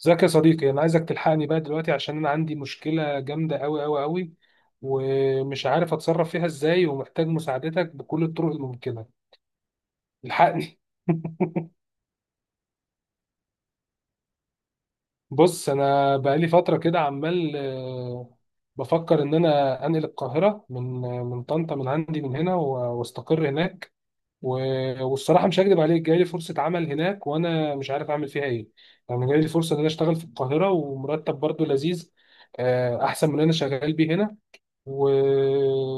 ازيك يا صديقي، انا عايزك تلحقني بقى دلوقتي عشان انا عندي مشكلة جامدة قوي قوي قوي. ومش عارف اتصرف فيها ازاي، ومحتاج مساعدتك بكل الطرق الممكنة. الحقني. بص، انا بقالي فترة كده عمال، بفكر ان انا انقل القاهرة من طنطا، من عندي، من هنا واستقر هناك. والصراحة مش هكدب عليك، جاي لي فرصة عمل هناك وانا مش عارف اعمل فيها ايه. يعني جاي لي فرصة ان انا اشتغل في القاهرة، ومرتب برضو لذيذ، احسن من اللي انا شغال بيه هنا. و...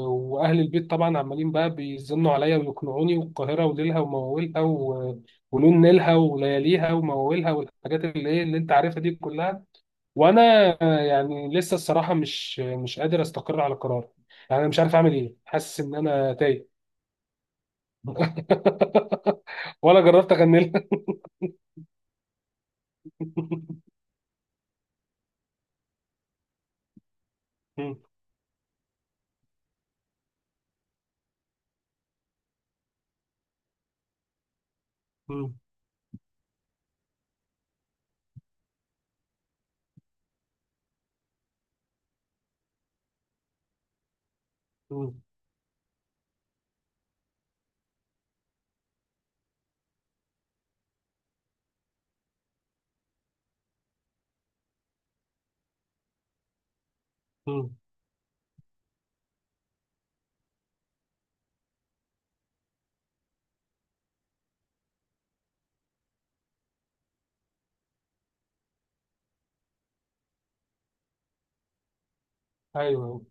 واهل البيت طبعا عمالين بقى بيزنوا عليا ويقنعوني، والقاهره وليلها ومواويلها ولون نيلها ولياليها ومواويلها والحاجات اللي ايه اللي انت عارفها دي كلها. وانا يعني لسه الصراحه مش قادر استقر على قرار. يعني انا مش عارف اعمل ايه، حاسس ان انا تايه. ولا جربت اغني لها. ايوه،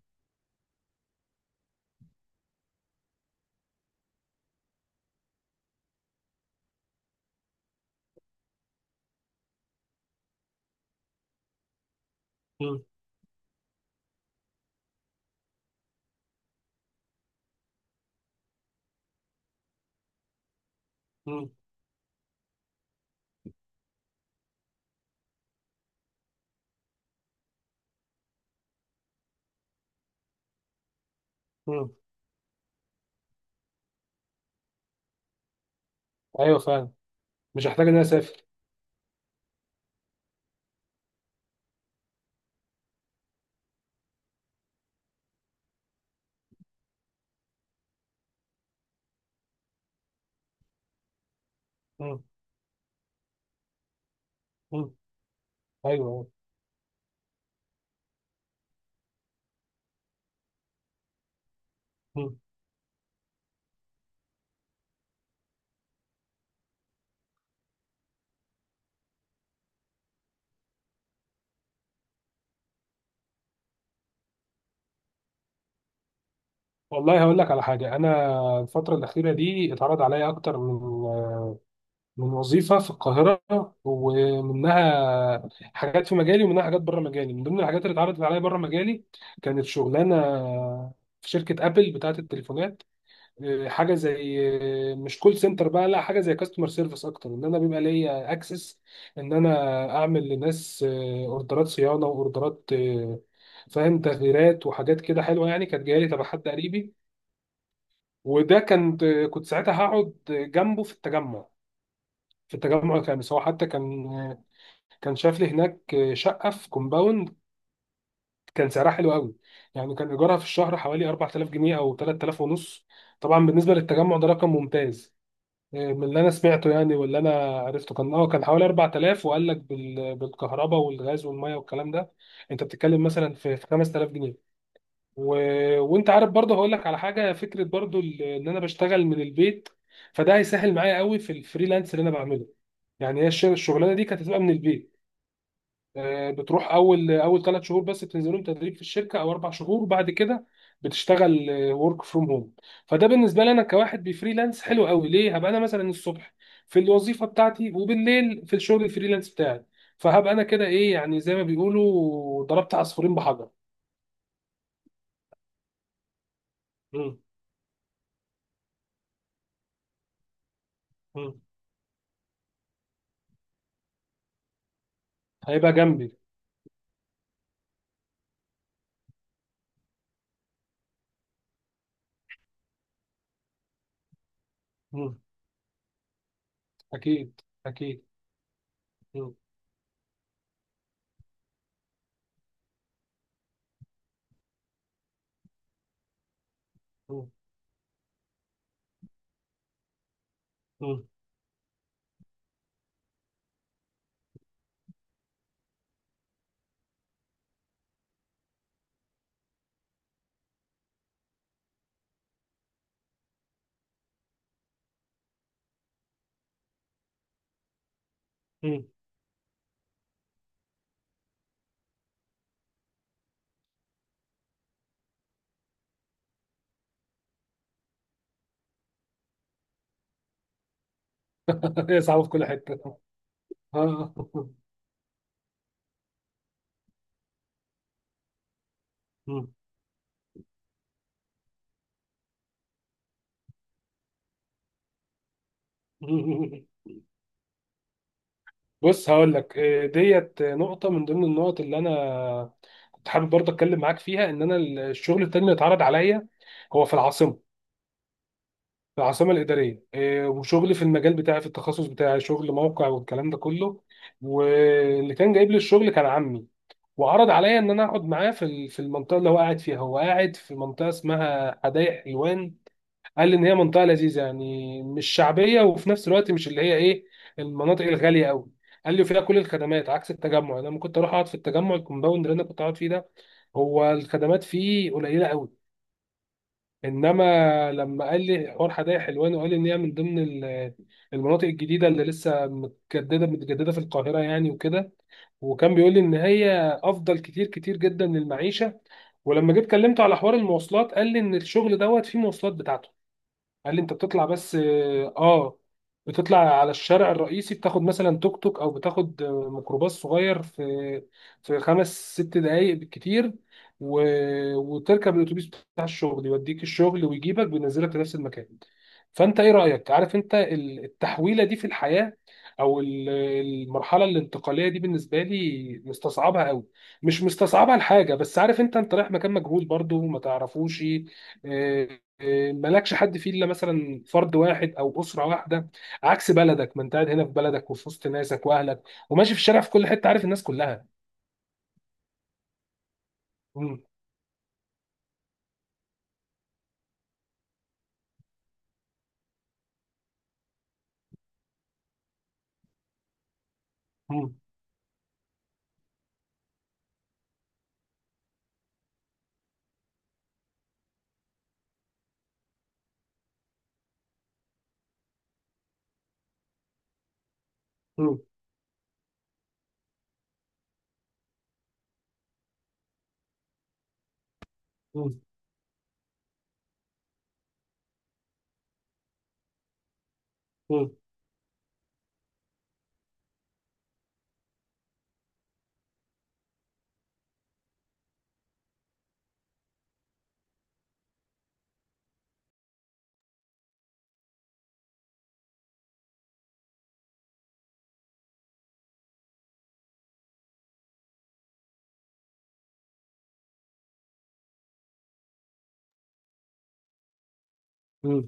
ايوه فعلا، مش هحتاج ان انا اسافر. ايوه. والله، هقول لك على حاجة. أنا الفترة الأخيرة دي اتعرض عليا أكتر من وظيفة في القاهرة. ومنها حاجات في مجالي ومنها حاجات بره مجالي. من ضمن الحاجات اللي اتعرضت عليا بره مجالي، كانت شغلانة في شركة أبل بتاعة التليفونات. حاجة زي، مش كول سنتر بقى، لا حاجة زي كاستمر سيرفيس أكتر، إن أنا بيبقى ليا أكسس إن أنا أعمل لناس أوردرات صيانة وأوردرات، فاهم، تغييرات وحاجات كده حلوة. يعني كانت جاية لي تبع حد قريبي. وده كنت، ساعتها هقعد جنبه في التجمع في التجمع الخامس. هو حتى كان، شاف لي هناك شقة في كومباوند، كان سعرها حلو قوي. يعني كان إيجارها في الشهر حوالي 4000 جنيه أو 3000 ونص. طبعا بالنسبة للتجمع، ده رقم ممتاز. من اللي أنا سمعته يعني واللي أنا عرفته كان، كان حوالي 4000، وقال لك بالكهرباء والغاز والمية والكلام ده. أنت بتتكلم مثلا في 5000 جنيه و... وانت عارف برضه، هقول لك على حاجه فكره برضه، ان انا بشتغل من البيت. فده هيسهل معايا قوي في الفريلانس اللي انا بعمله. يعني هي الشغلانه دي كانت هتبقى من البيت. بتروح اول اول 3 شهور بس، بتنزلهم تدريب في الشركه، او 4 شهور، وبعد كده بتشتغل ورك فروم هوم. فده بالنسبه لي، انا كواحد بفريلانس، حلو قوي ليه. هبقى انا مثلا الصبح في الوظيفه بتاعتي، وبالليل في الشغل الفريلانس بتاعي. فهبقى انا كده ايه، يعني زي ما بيقولوا ضربت عصفورين بحجر. مم. مم. هيبقى جنبي. مم. أكيد. أكيد. مم. مم. مم. مم. هي صعبة في كل حتة. آه. مم. مم. بص هقول لك، ديت نقطة من ضمن النقط اللي أنا كنت حابب برضه أتكلم معاك فيها. إن أنا الشغل التاني اللي اتعرض عليا هو في العاصمة، في العاصمة الإدارية، وشغل في المجال بتاعي في التخصص بتاعي، شغل موقع والكلام ده كله. واللي كان جايب لي الشغل كان عمي، وعرض عليا ان انا اقعد معاه في في المنطقه اللي هو قاعد فيها. هو قاعد في منطقه اسمها حدائق حلوان. قال لي ان هي منطقه لذيذه، يعني مش شعبيه، وفي نفس الوقت مش اللي هي ايه، المناطق الغاليه قوي. قال لي فيها كل الخدمات، عكس التجمع. انا لما كنت اروح اقعد في التجمع، الكومباوند اللي انا كنت اقعد فيه ده، هو الخدمات فيه قليله قوي. انما لما قال لي حوار حدائق حلوان، وقال لي ان هي من ضمن المناطق الجديده اللي لسه متجدده متجدده في القاهره يعني وكده. وكان بيقول لي ان هي افضل كتير كتير جدا للمعيشه. ولما جيت كلمته على حوار المواصلات، قال لي ان الشغل دوت فيه مواصلات بتاعته. قال لي انت بتطلع بس، اه بتطلع على الشارع الرئيسي، بتاخد مثلا توك توك، او بتاخد ميكروباص صغير، في خمس ست دقايق بالكتير. و... وتركب الاتوبيس بتاع الشغل، يوديك الشغل ويجيبك وينزلك في نفس المكان. فانت ايه رايك؟ عارف انت التحويله دي في الحياه، او المرحله الانتقاليه دي، بالنسبه لي مستصعبها قوي. مش مستصعبها لحاجه، بس عارف، انت رايح مكان مجهول برضو ما تعرفوش. آه، مالكش حد فيه الا مثلا فرد واحد او اسره واحده. عكس بلدك، ما انت قاعد هنا في بلدك وفي وسط ناسك واهلك، وماشي في الشارع في كل حته عارف الناس كلها. مم. مم. مم. مم. مم. مم.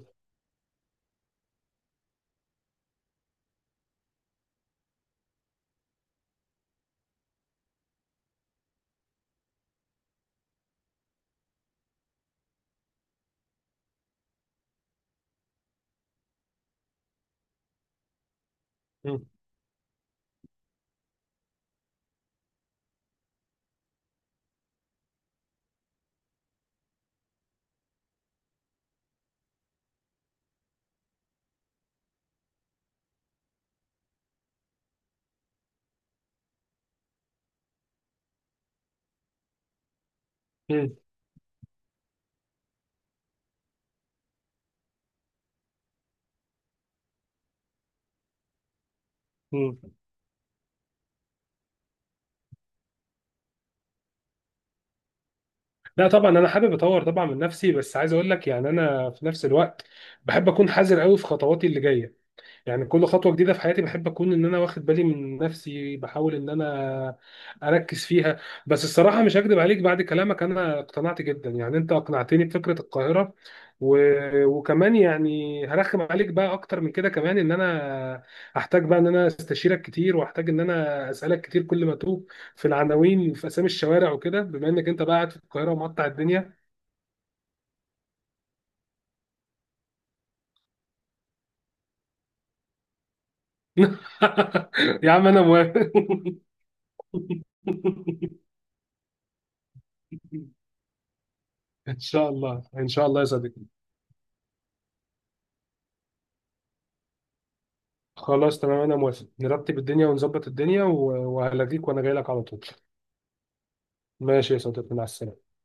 مم. مم. مم. لا طبعا، انا حابب اطور طبعا من نفسي، بس عايز اقول لك يعني انا في نفس الوقت بحب اكون حذر قوي في خطواتي اللي جايه. يعني كل خطوة جديدة في حياتي بحب أكون إن أنا واخد بالي من نفسي، بحاول إن أنا أركز فيها. بس الصراحة مش هكدب عليك، بعد كلامك أنا اقتنعت جدا، يعني أنت أقنعتني بفكرة القاهرة. و... وكمان، يعني هرخم عليك بقى أكتر من كده كمان، إن أنا هحتاج بقى إن أنا أستشيرك كتير، وأحتاج إن أنا أسألك كتير كل ما أتوه في العناوين، في أسامي الشوارع وكده، بما إنك أنت بقى قاعد في القاهرة ومقطع الدنيا. يا عم أنا موافق. إن شاء الله، إن شاء الله يا صديقي. خلاص تمام، انا موافق، نرتب الدنيا ونظبط الدنيا وهلغيك وانا جاي لك على طول. ماشي يا صديقي، مع السلامه.